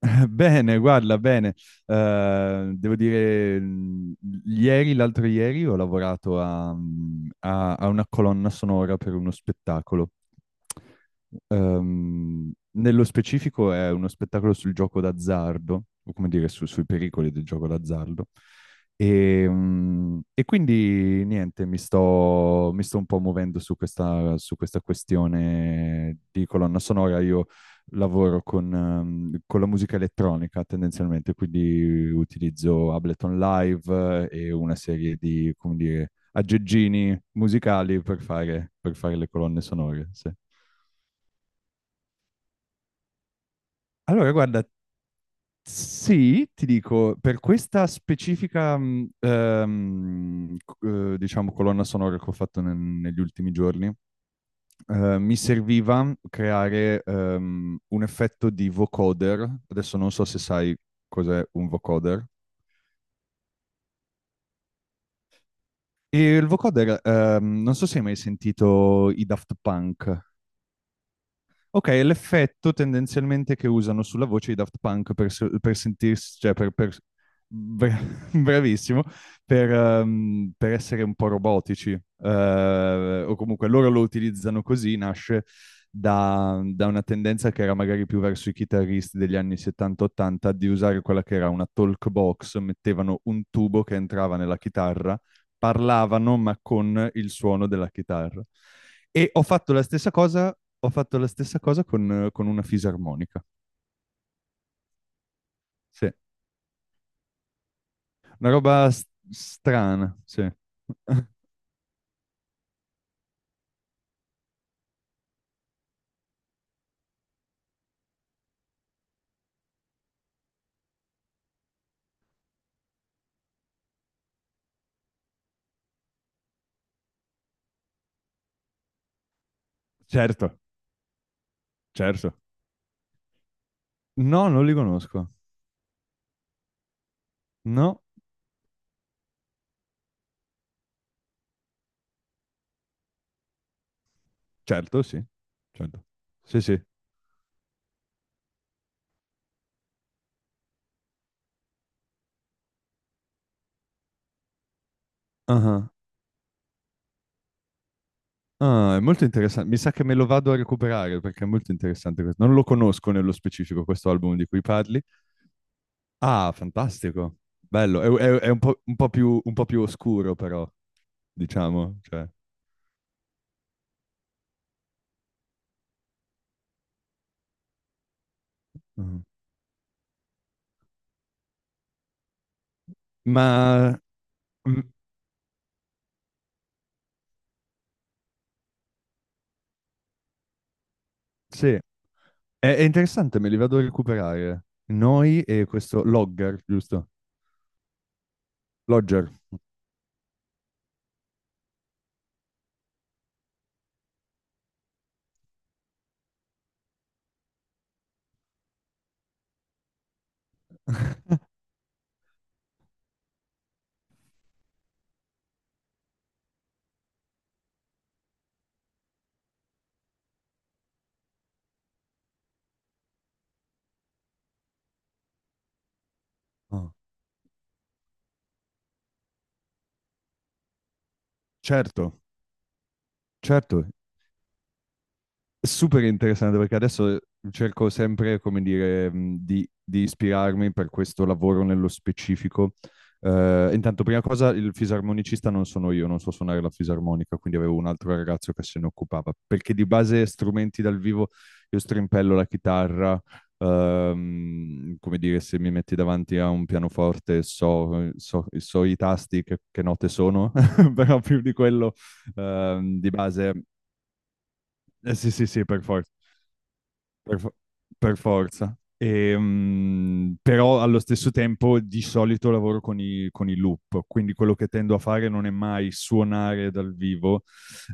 Bene, guarda, bene. Eh, devo dire, mh, ieri, l'altro ieri, ho lavorato a, a una colonna sonora per uno spettacolo. Nello specifico è uno spettacolo sul gioco d'azzardo, o come dire, sui pericoli del gioco d'azzardo. E quindi niente, mi sto un po' muovendo su su questa questione di colonna sonora. Io lavoro con la musica elettronica tendenzialmente, quindi utilizzo Ableton Live e una serie di, come dire, aggeggini musicali per fare le colonne sonore. Sì. Allora, guarda, sì, ti dico, per questa specifica, diciamo, colonna sonora che ho fatto negli ultimi giorni, mi serviva creare un effetto di vocoder. Adesso non so se sai cos'è un vocoder. E il vocoder, non so se hai mai sentito i Daft Punk. Ok, è l'effetto tendenzialmente che usano sulla voce i Daft Punk per, se- per sentirsi, bra- bravissimo, per essere un po' robotici. O comunque loro lo utilizzano così, nasce da una tendenza che era magari più verso i chitarristi degli anni 70-80 di usare quella che era una talk box, mettevano un tubo che entrava nella chitarra, parlavano ma con il suono della chitarra. E ho fatto la stessa cosa, ho fatto la stessa cosa con una fisarmonica. Sì. Una roba strana, sì. Certo, certo. No, non li conosco. No, certo, sì. Certo. Sì, sì. Ah, ah, è molto interessante. Mi sa che me lo vado a recuperare perché è molto interessante questo. Non lo conosco nello specifico questo album di cui parli. Ah, fantastico. Bello. È un po' più oscuro, però. Diciamo. Cioè. Mhm. Ma mm, sì, è interessante, me li vado a recuperare. Noi e questo Logger, giusto? Logger. Oh, certo, certo. Super interessante perché adesso cerco sempre, come dire, di ispirarmi per questo lavoro nello specifico. Intanto, prima cosa, il fisarmonicista non sono io, non so suonare la fisarmonica, quindi avevo un altro ragazzo che se ne occupava, perché di base strumenti dal vivo io strimpello la chitarra, come dire, se mi metti davanti a un pianoforte so i tasti, che note sono, però più di quello, di base... sì, sì, sì, per forza. Per, fo- per forza. Però allo stesso tempo di solito lavoro con i loop, quindi quello che tendo a fare non è mai suonare dal vivo.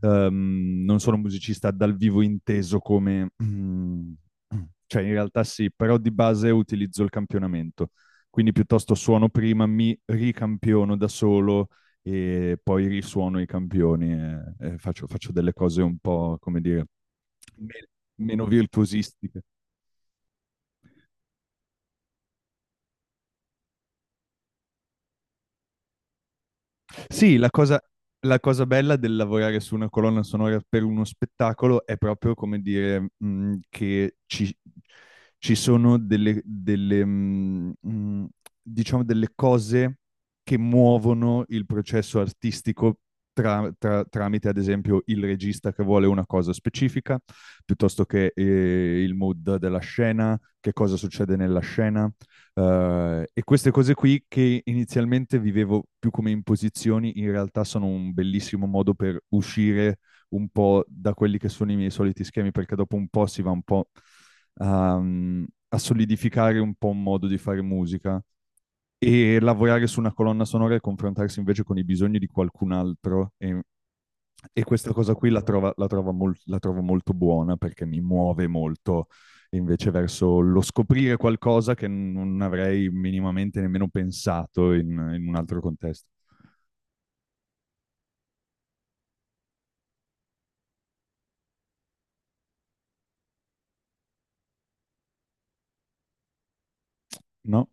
Non sono un musicista dal vivo inteso come... cioè in realtà sì, però di base utilizzo il campionamento. Quindi piuttosto suono prima, mi ricampiono da solo e poi risuono i campioni e, faccio delle cose un po', come dire, me- meno virtuosistiche. Sì, la cosa bella del lavorare su una colonna sonora per uno spettacolo è proprio come dire, ci sono delle, diciamo delle cose che muovono il processo artistico tramite, ad esempio, il regista che vuole una cosa specifica, piuttosto che il mood della scena, che cosa succede nella scena, e queste cose qui che inizialmente vivevo più come imposizioni, in realtà sono un bellissimo modo per uscire un po' da quelli che sono i miei soliti schemi, perché dopo un po' si va un po' a solidificare un po' un modo di fare musica e lavorare su una colonna sonora e confrontarsi invece con i bisogni di qualcun altro. E questa cosa qui la trovo molto buona perché mi muove molto invece verso lo scoprire qualcosa che non avrei minimamente nemmeno pensato in un altro contesto. No,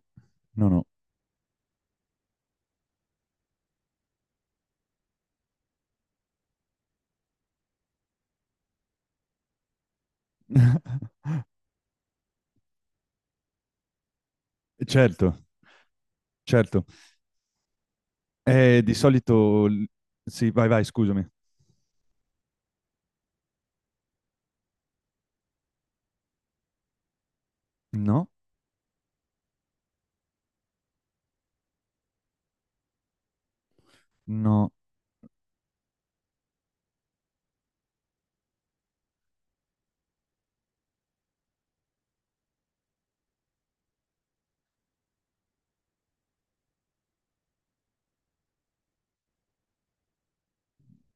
no, no. Certo, certo. Di solito... Sì, vai, vai, scusami. No, no.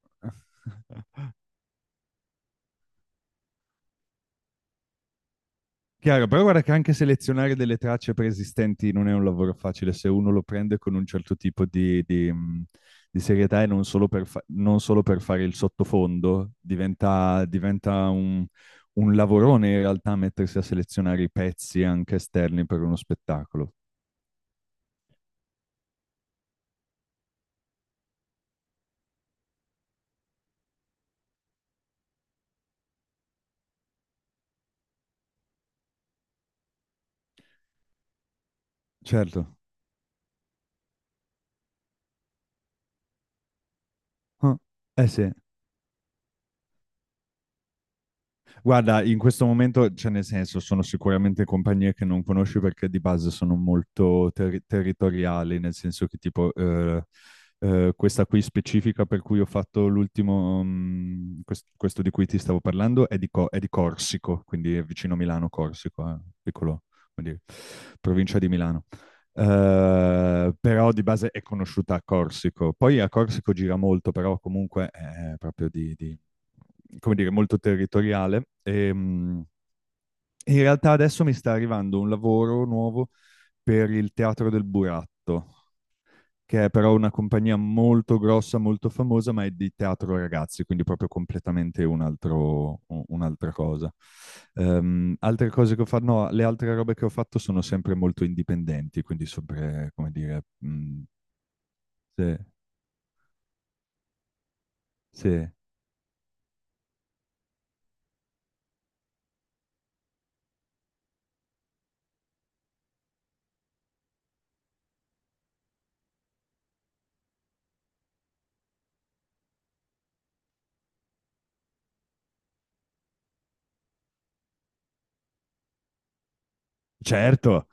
Chiaro, però guarda che anche selezionare delle tracce preesistenti non è un lavoro facile se uno lo prende con un certo tipo di serietà e non solo non solo per fare il sottofondo, diventa un lavorone in realtà mettersi a selezionare i pezzi anche esterni per uno spettacolo. Certo. Ah, eh sì. Guarda, in questo momento, cioè nel senso, sono sicuramente compagnie che non conosci perché di base sono molto territoriali, nel senso che tipo questa qui specifica per cui ho fatto l'ultimo, questo di cui ti stavo parlando, è di Corsico, quindi è vicino a Milano, Corsico, piccolo, come dire, provincia di Milano. Però di base è conosciuta a Corsico. Poi a Corsico gira molto, però comunque è proprio come dire, molto territoriale. In realtà adesso mi sta arrivando un lavoro nuovo per il Teatro del Buratto, che è però una compagnia molto grossa, molto famosa, ma è di teatro ragazzi, quindi proprio completamente un altro, un'altra cosa. Altre cose che ho fatto, no, le altre robe che ho fatto sono sempre molto indipendenti, quindi sempre, come dire, sì, sì. Certo,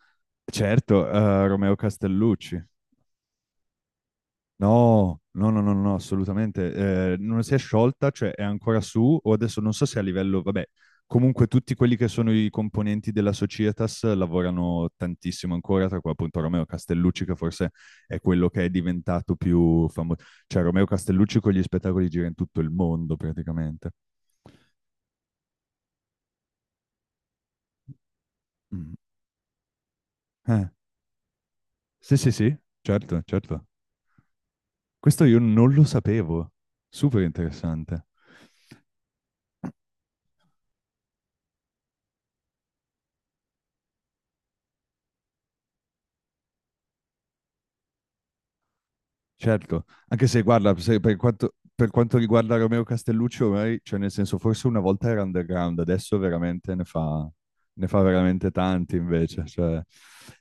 certo, Romeo Castellucci. No, no, no, no, no, assolutamente. Non si è sciolta, cioè è ancora su, o adesso non so se a livello, vabbè, comunque tutti quelli che sono i componenti della Societas lavorano tantissimo ancora, tra cui appunto Romeo Castellucci, che forse è quello che è diventato più famoso. Cioè Romeo Castellucci con gli spettacoli gira in tutto il mondo praticamente. Mm. Eh, sì, sì, sì, certo, certo. Questo io non lo sapevo. Super interessante. Certo, anche se guarda, se per quanto riguarda Romeo Castellucci, ormai, cioè nel senso, forse una volta era underground, adesso veramente ne fa veramente tanti invece. Cioè,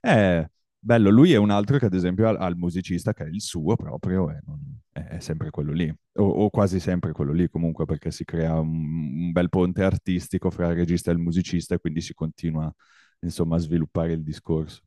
è bello, lui è un altro che ad esempio ha il musicista che è il suo proprio, è sempre quello lì, o quasi sempre quello lì comunque, perché si crea un bel ponte artistico fra il regista e il musicista e quindi si continua, insomma, a sviluppare il discorso.